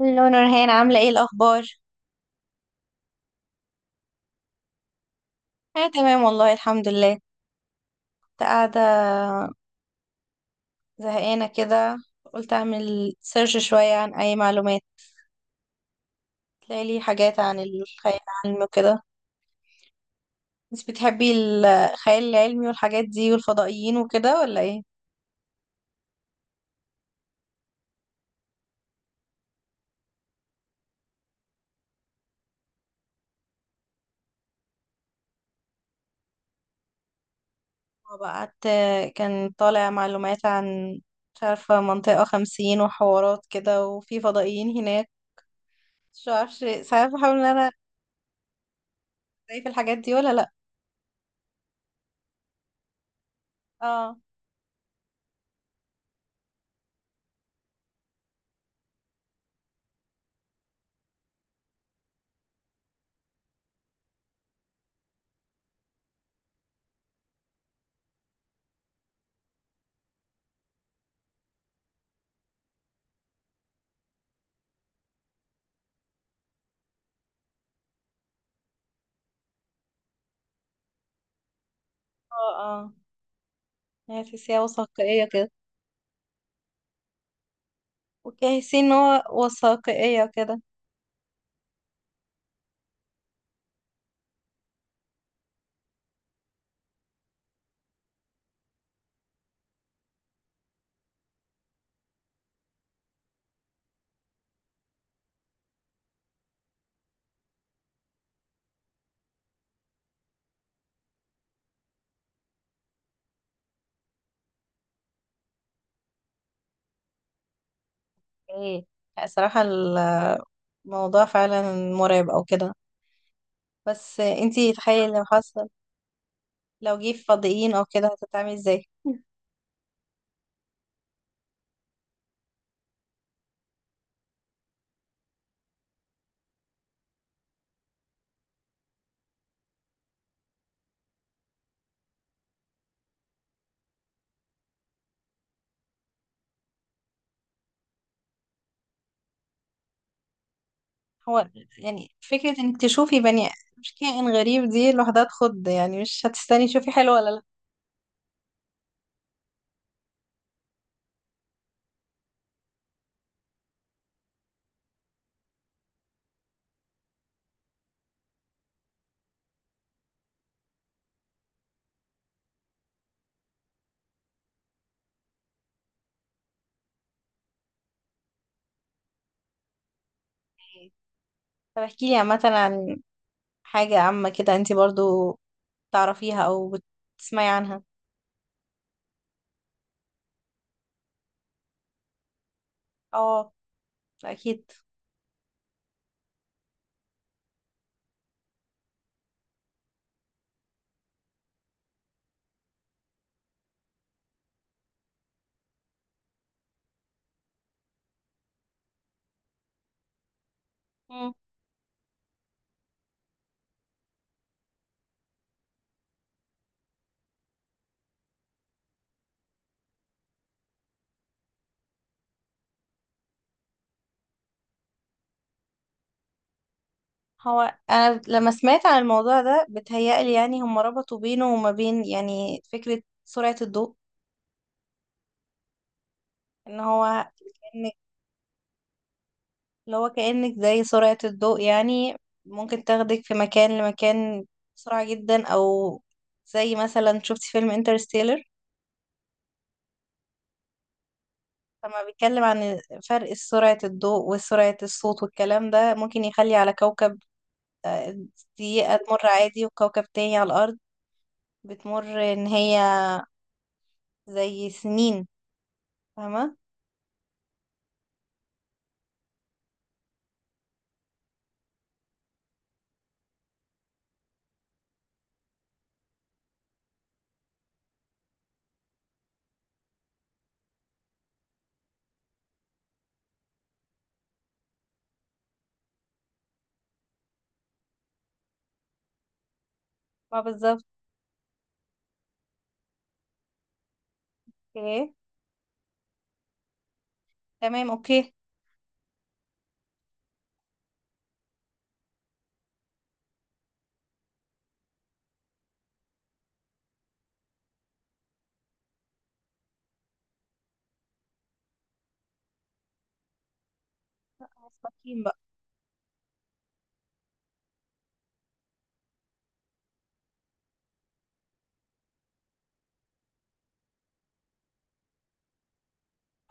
الو، نورهان، عاملة ايه الأخبار؟ أنا تمام والله، الحمد لله. كنت قاعدة زهقانة كده، قلت أعمل سيرش شوية عن أي معلومات تلاقي لي حاجات عن الخيال العلمي وكده. بس بتحبي الخيال العلمي والحاجات دي والفضائيين وكده ولا ايه؟ وبقعدت كان طالع معلومات عن، مش عارفة، منطقة 50 وحوارات كده، وفي فضائيين هناك. مش عارفة، ساعات بحاول ان انا ألاقي في الحاجات دي ولا لأ. اه، اه، اه. هي تحسيها وثائقية كده. وجاهزين ان هو وثائقية كده. ايه، صراحة الموضوع فعلا مرعب او كده. بس انتي تخيلي لو حصل، لو جه فضائيين او كده هتتعاملي ازاي؟ هو يعني فكرة انك تشوفي بني، مش كائن غريب، دي لوحدها تخض، يعني مش هتستني تشوفي حلو ولا لا. طب احكيلي عامة عن حاجة عامة كده انتي برضو تعرفيها او بتسمعي عنها. اه، اكيد. هو أنا لما سمعت عن الموضوع ده بتهيألي يعني هم ربطوا بينه وما بين يعني فكرة سرعة الضوء. إن هو، كأنك اللي هو كأنك زي سرعة الضوء، يعني ممكن تاخدك في مكان لمكان بسرعة جدا، أو زي مثلا شفت فيلم انترستيلر. فما بيتكلم عن فرق سرعة الضوء وسرعة الصوت، والكلام ده ممكن يخلي على كوكب دقيقة تمر عادي، وكوكب تاني على الأرض بتمر إن هي زي سنين. فاهمة؟ ما بالظبط. تمام، اوكي. مستقيم بقى.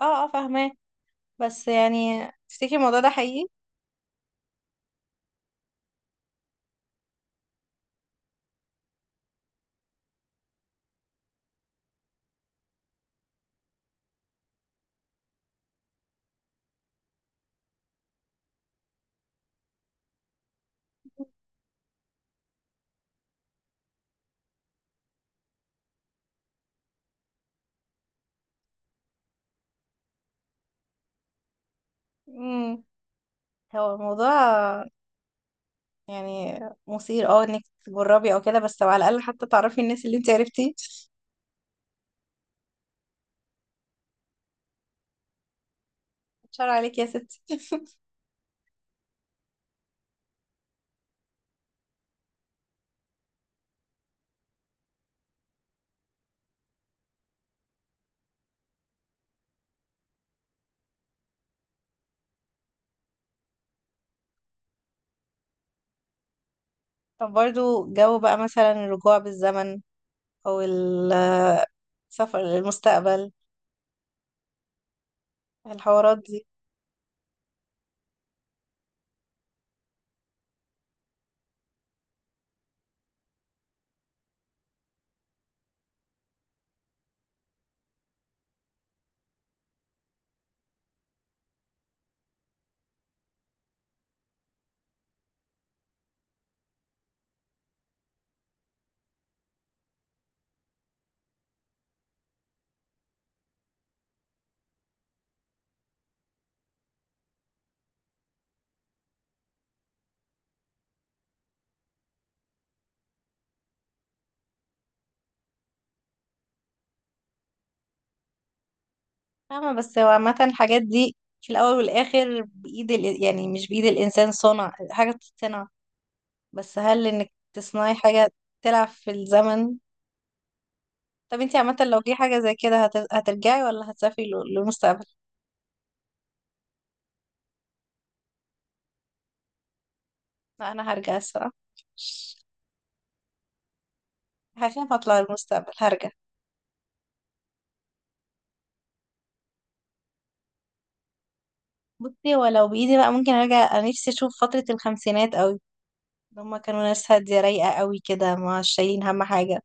اه، اه، فاهماه. بس يعني تفتكري الموضوع ده حقيقي؟ امم هو الموضوع يعني مثير، انك تجربي او كده، بس على الاقل حتى تعرفي الناس اللي انت عرفتي. شر عليك يا ستي. طب برضو جو بقى، مثلا الرجوع بالزمن، او السفر للمستقبل، الحوارات دي. فاهمة. بس هو عامة الحاجات دي في الأول والآخر بإيد يعني مش بإيد الإنسان. صنع حاجة بتتصنع، بس هل انك تصنعي حاجة تلعب في الزمن؟ طب انتي عامة لو في حاجة زي كده هترجعي ولا هتسافري للمستقبل؟ لا، انا هرجع الصراحة، هخاف اطلع للمستقبل، هرجع. بصي، ولو بايدي بقى ممكن ارجع، انا نفسي اشوف فترة الخمسينات قوي. هما كانوا ناس هادية رايقة قوي كده، مش شايلين هم حاجة.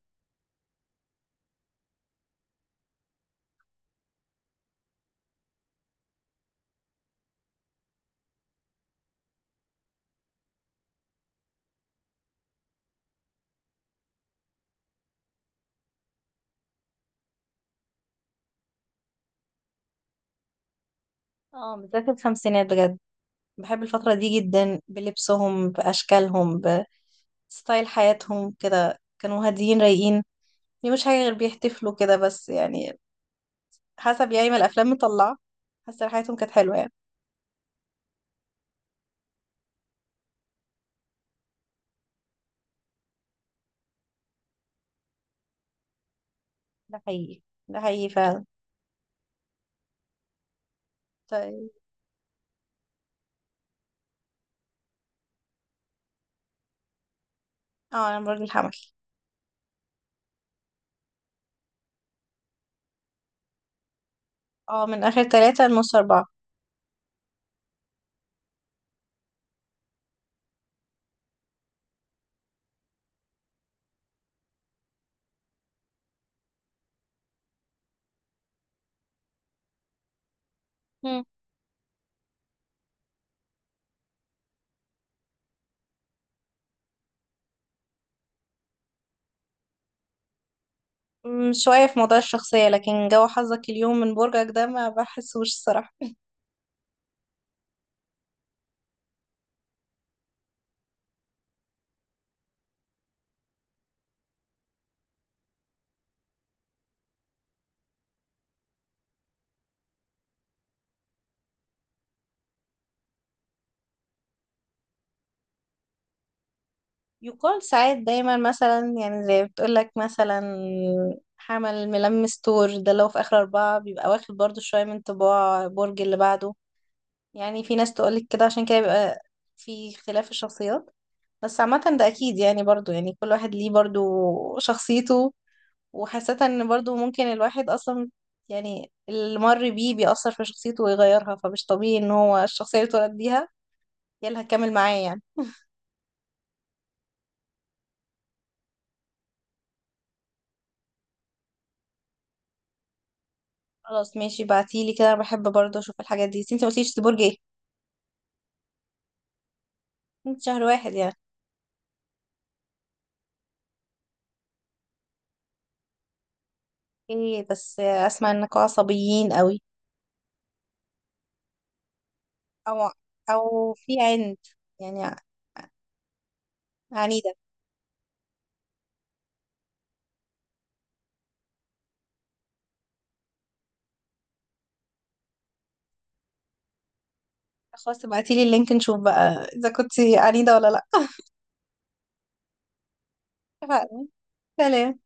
اه، بالذات الخمسينات بجد، بحب الفترة دي جدا، بلبسهم، بأشكالهم، بستايل حياتهم كده. كانوا هاديين رايقين. دي مش حاجة غير بيحتفلوا كده بس يعني، حسب يعني ما الافلام مطلعه، حاسه حياتهم كانت حلوه يعني. ده حقيقي، ده حقيقي فعلا. طيب. اه، انا برج الحمل. اه، من اخر 3 لنص 4. مم. شوية في موضوع الشخصية، لكن جو حظك اليوم من برجك ده ما بحسوش الصراحة. يقال ساعات دايما مثلا، يعني زي بتقولك مثلا حمل، ملمس تور، ده لو في آخر 4 بيبقى واخد برضو شوية من طباع برج اللي بعده. يعني في ناس تقولك كده، عشان كده بيبقى في اختلاف الشخصيات. بس عامة ده أكيد، يعني برضو يعني كل واحد ليه برضو شخصيته، وحاسة إن برضو ممكن الواحد أصلا، يعني اللي مر بيه بيأثر في شخصيته ويغيرها. فمش طبيعي إن هو الشخصية اللي اتولد بيها هي اللي هتكمل معاه يعني. خلاص، ماشي، بعتيلي كده. أنا بحب برضو أشوف الحاجات دي، بس انتي مقلتيش دي برج ايه؟ انت شهر 1 يعني؟ ايه، بس أسمع إنكوا عصبيين قوي. أو، في عند، يعني عنيدة. خلاص، ابعتيلي اللينك نشوف بقى إذا كنتي عنيدة ولا لأ. اتفقنا. سلام.